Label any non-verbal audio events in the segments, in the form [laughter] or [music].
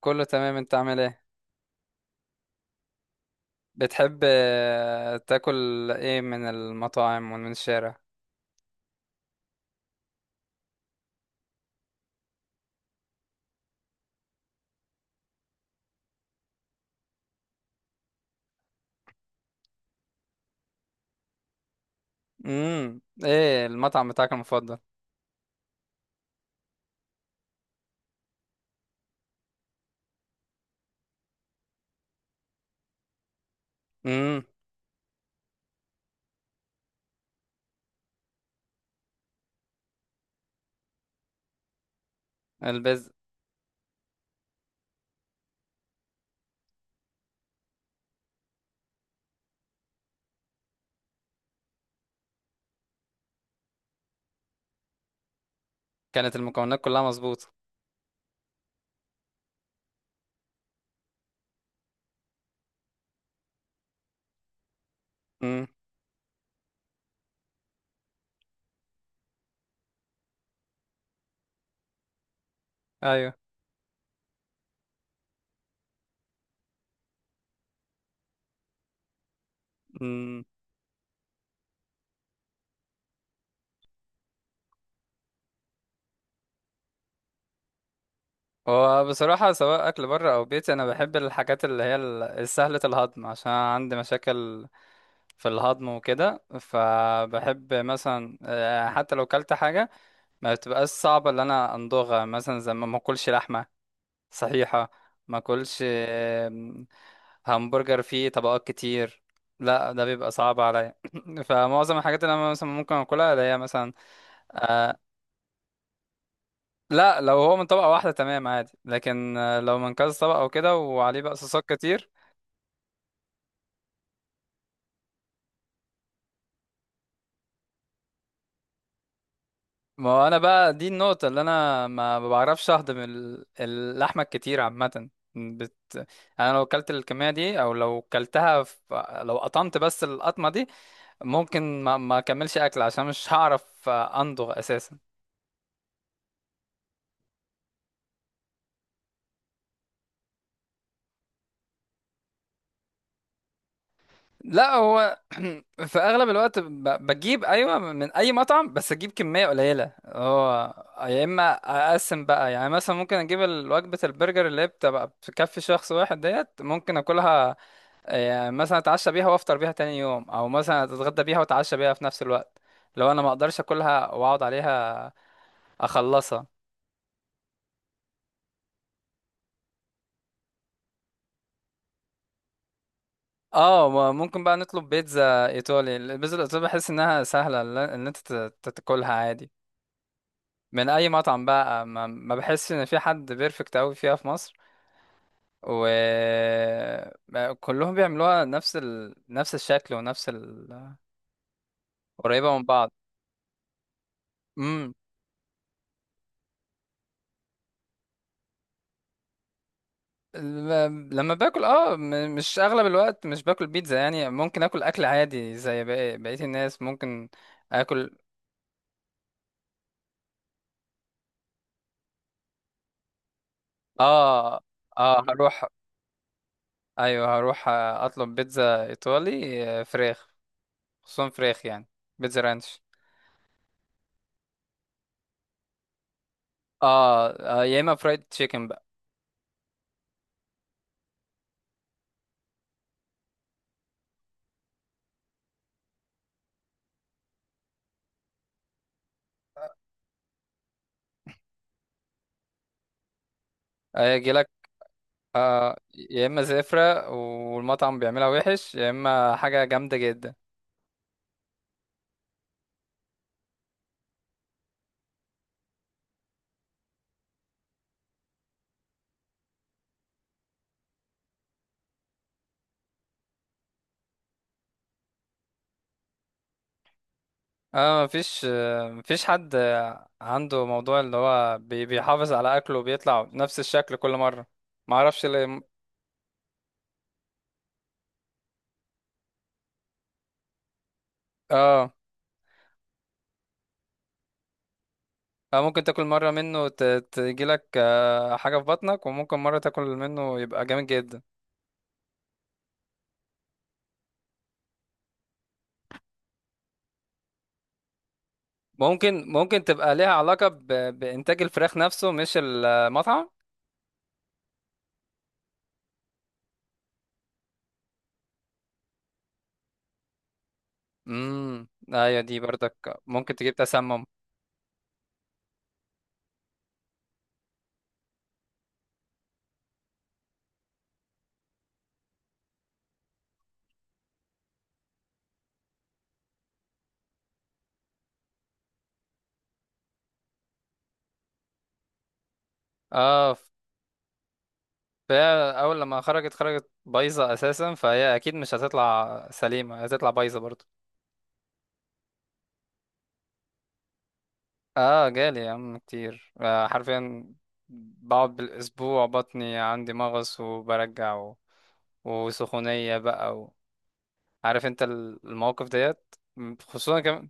كله تمام. انت عامل ايه؟ بتحب تاكل ايه من المطاعم ومن الشارع؟ ايه المطعم بتاعك المفضل؟ امم. البيز. كانت المكونات كلها مظبوطه؟ امم. ايوه. امم. وبصراحه سواء اكل بره او بيتي، انا بحب الحاجات اللي هي سهله الهضم عشان عندي مشاكل في الهضم وكده، فبحب مثلا حتى لو كلت حاجه ما بتبقاش صعبه ان انا امضغها، مثلا زي ما اكلش لحمه. صحيحة. ما اكلش همبرجر فيه طبقات كتير، لا ده بيبقى صعب عليا. [clears throat] فمعظم الحاجات اللي انا مثلا ممكن اكلها اللي هي مثلا آه. لا، لو هو من طبقة واحدة تمام عادي، لكن لو من كذا طبقة وكده وعليه بقى صوصات كتير. ما هو انا بقى دي النقطة اللي انا ما بعرفش اهضم اللحمة الكتير عامة. بت... انا لو اكلت الكمية دي او لو اكلتها في... لو قطمت بس القطمة دي ممكن ما اكملش اكل عشان مش هعرف امضغ اساسا. لا هو [clears throat] في اغلب الوقت بجيب، ايوه، من اي مطعم بس اجيب كميه قليله. هو يا اما اقسم بقى يعني مثلا ممكن اجيب وجبه البرجر اللي هي بتبقى بتكفي شخص واحد، ديت ممكن اكلها، يعني مثلا اتعشى بيها وافطر بيها تاني يوم، او مثلا اتغدى بيها واتعشى بيها في نفس الوقت. لو انا ما اقدرش اكلها واقعد عليها اخلصها. اه ممكن بقى نطلب بيتزا ايطالي. البيتزا الايطالي بحس انها سهله ان انت تاكلها عادي. من اي مطعم بقى ما بحس ان في حد بيرفكت قوي فيها في مصر، وكلهم بيعملوها نفس ال... نفس الشكل ونفس ال... قريبه من بعض. امم. لما باكل اه مش اغلب الوقت مش باكل بيتزا، يعني ممكن اكل اكل عادي زي بقية الناس ممكن اكل. اه. اه هروح. ايوه هروح اطلب بيتزا ايطالي، فراخ. خصوصا فراخ يعني. بيتزا رانش. اه، يا اما فرايد تشيكن بقى. هيجي لك آه يا اما زفرة والمطعم بيعملها وحش، يا اما حاجة جامدة جدا. اه مفيش مفيش حد عنده موضوع اللي هو بيحافظ على اكله وبيطلع نفس الشكل كل مرة. معرفش ليه. اه ممكن تاكل مرة منه تجيلك حاجة في بطنك، وممكن مرة تاكل منه يبقى جامد جدا. ممكن تبقى ليها علاقة ب... بإنتاج الفراخ نفسه مش المطعم. امم. ايوه دي برضك ممكن تجيب تسمم. اه فهي اول لما خرجت خرجت بايظة اساسا، فهي اكيد مش هتطلع سليمة، هتطلع بايظة برضه. اه جالي يا عم كتير آه حرفيا. بقعد بالاسبوع بطني عندي مغص وبرجع و... وسخونية بقى و... عارف انت المواقف ديت. خصوصا كمان.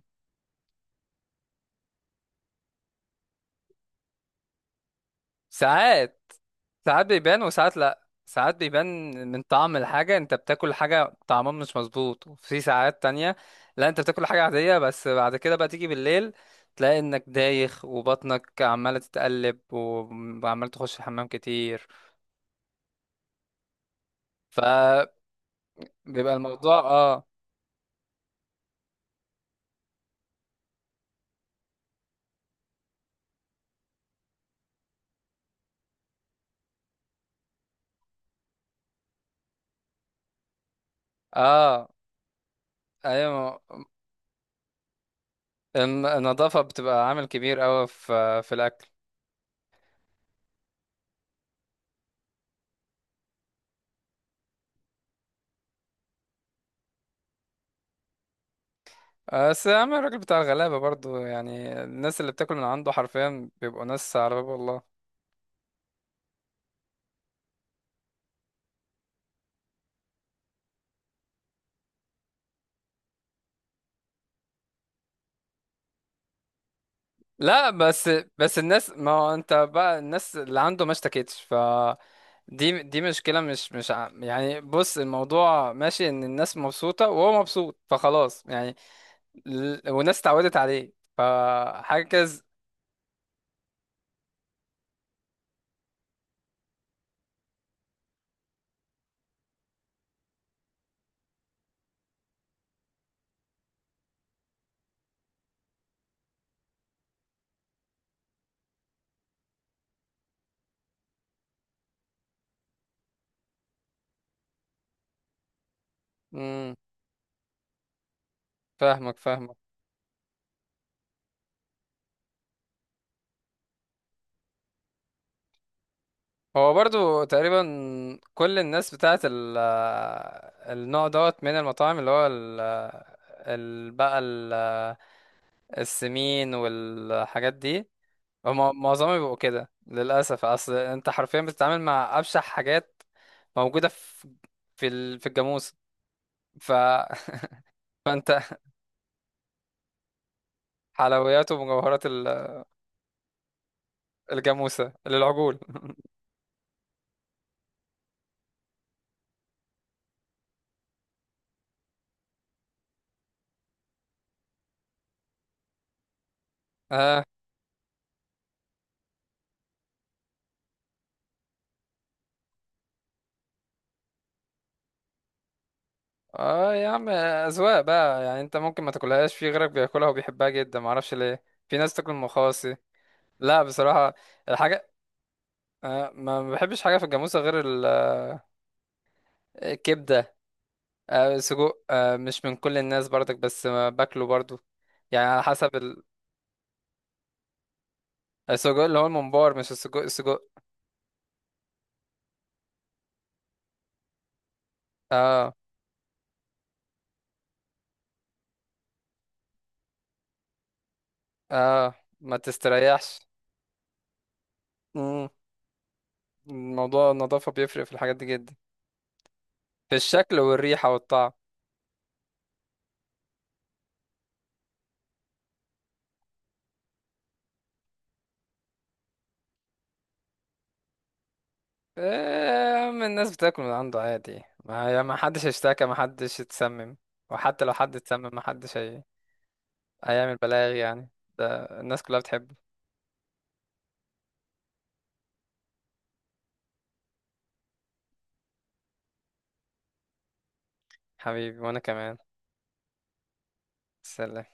ساعات ساعات بيبان وساعات لا، ساعات بيبان من طعم الحاجة. انت بتاكل حاجة طعمها مش مظبوط، وفي ساعات تانية لا، انت بتاكل حاجة عادية بس بعد كده بقى تيجي بالليل تلاقي انك دايخ وبطنك عمالة تتقلب وعمال تخش الحمام كتير. فبيبقى الموضوع اه. اه ايوه. النظافة بتبقى عامل كبير اوي في الاكل. بس يا عم الراجل بتاع الغلابة برضو، يعني الناس اللي بتاكل من عنده حرفيا بيبقوا ناس على باب الله. لا بس. الناس، ما هو انت بقى الناس اللي عنده ما اشتكتش، ف دي مشكلة. مش مش ع- يعني بص الموضوع ماشي ان الناس مبسوطة وهو مبسوط، فخلاص يعني. والناس اتعودت عليه فحاجة كز... مم، فاهمك فاهمك. هو برضو تقريبا كل الناس بتاعت ال... النوع دوت من المطاعم اللي هو ال... ال... بقى ال... السمين والحاجات دي، هما معظمهم بيبقوا كده للأسف. أصل أنت حرفيا بتتعامل مع أبشع حاجات موجودة في في الجاموسة. ف... [laughs] فأنت حلويات ومجوهرات الجاموسة للعجول. [laughs] اه. اه يا عم، أذواق بقى يعني. أنت ممكن ما تاكلهاش، في غيرك بياكلها وبيحبها جدا، معرفش ليه. في ناس تاكل المخاصي. لا بصراحة الحاجة، آه ما بحبش حاجة في الجاموسة غير الكبدة. سجق، مش من كل الناس برضك، بس باكله برضو، يعني على حسب السجق اللي هو الممبار، مش السجق السجق. اه. اه ما تستريحش. مم. الموضوع النظافة بيفرق في الحاجات دي جدا، في الشكل والريحة والطعم. أما الناس بتاكل من عنده عادي، ما حدش اشتكى، ما حدش اتسمم. وحتى لو حد اتسمم ما حدش هي... هيعمل بلاغ يعني. ده الناس كلها بتحبه. حبيبي، وانا كمان. سلام.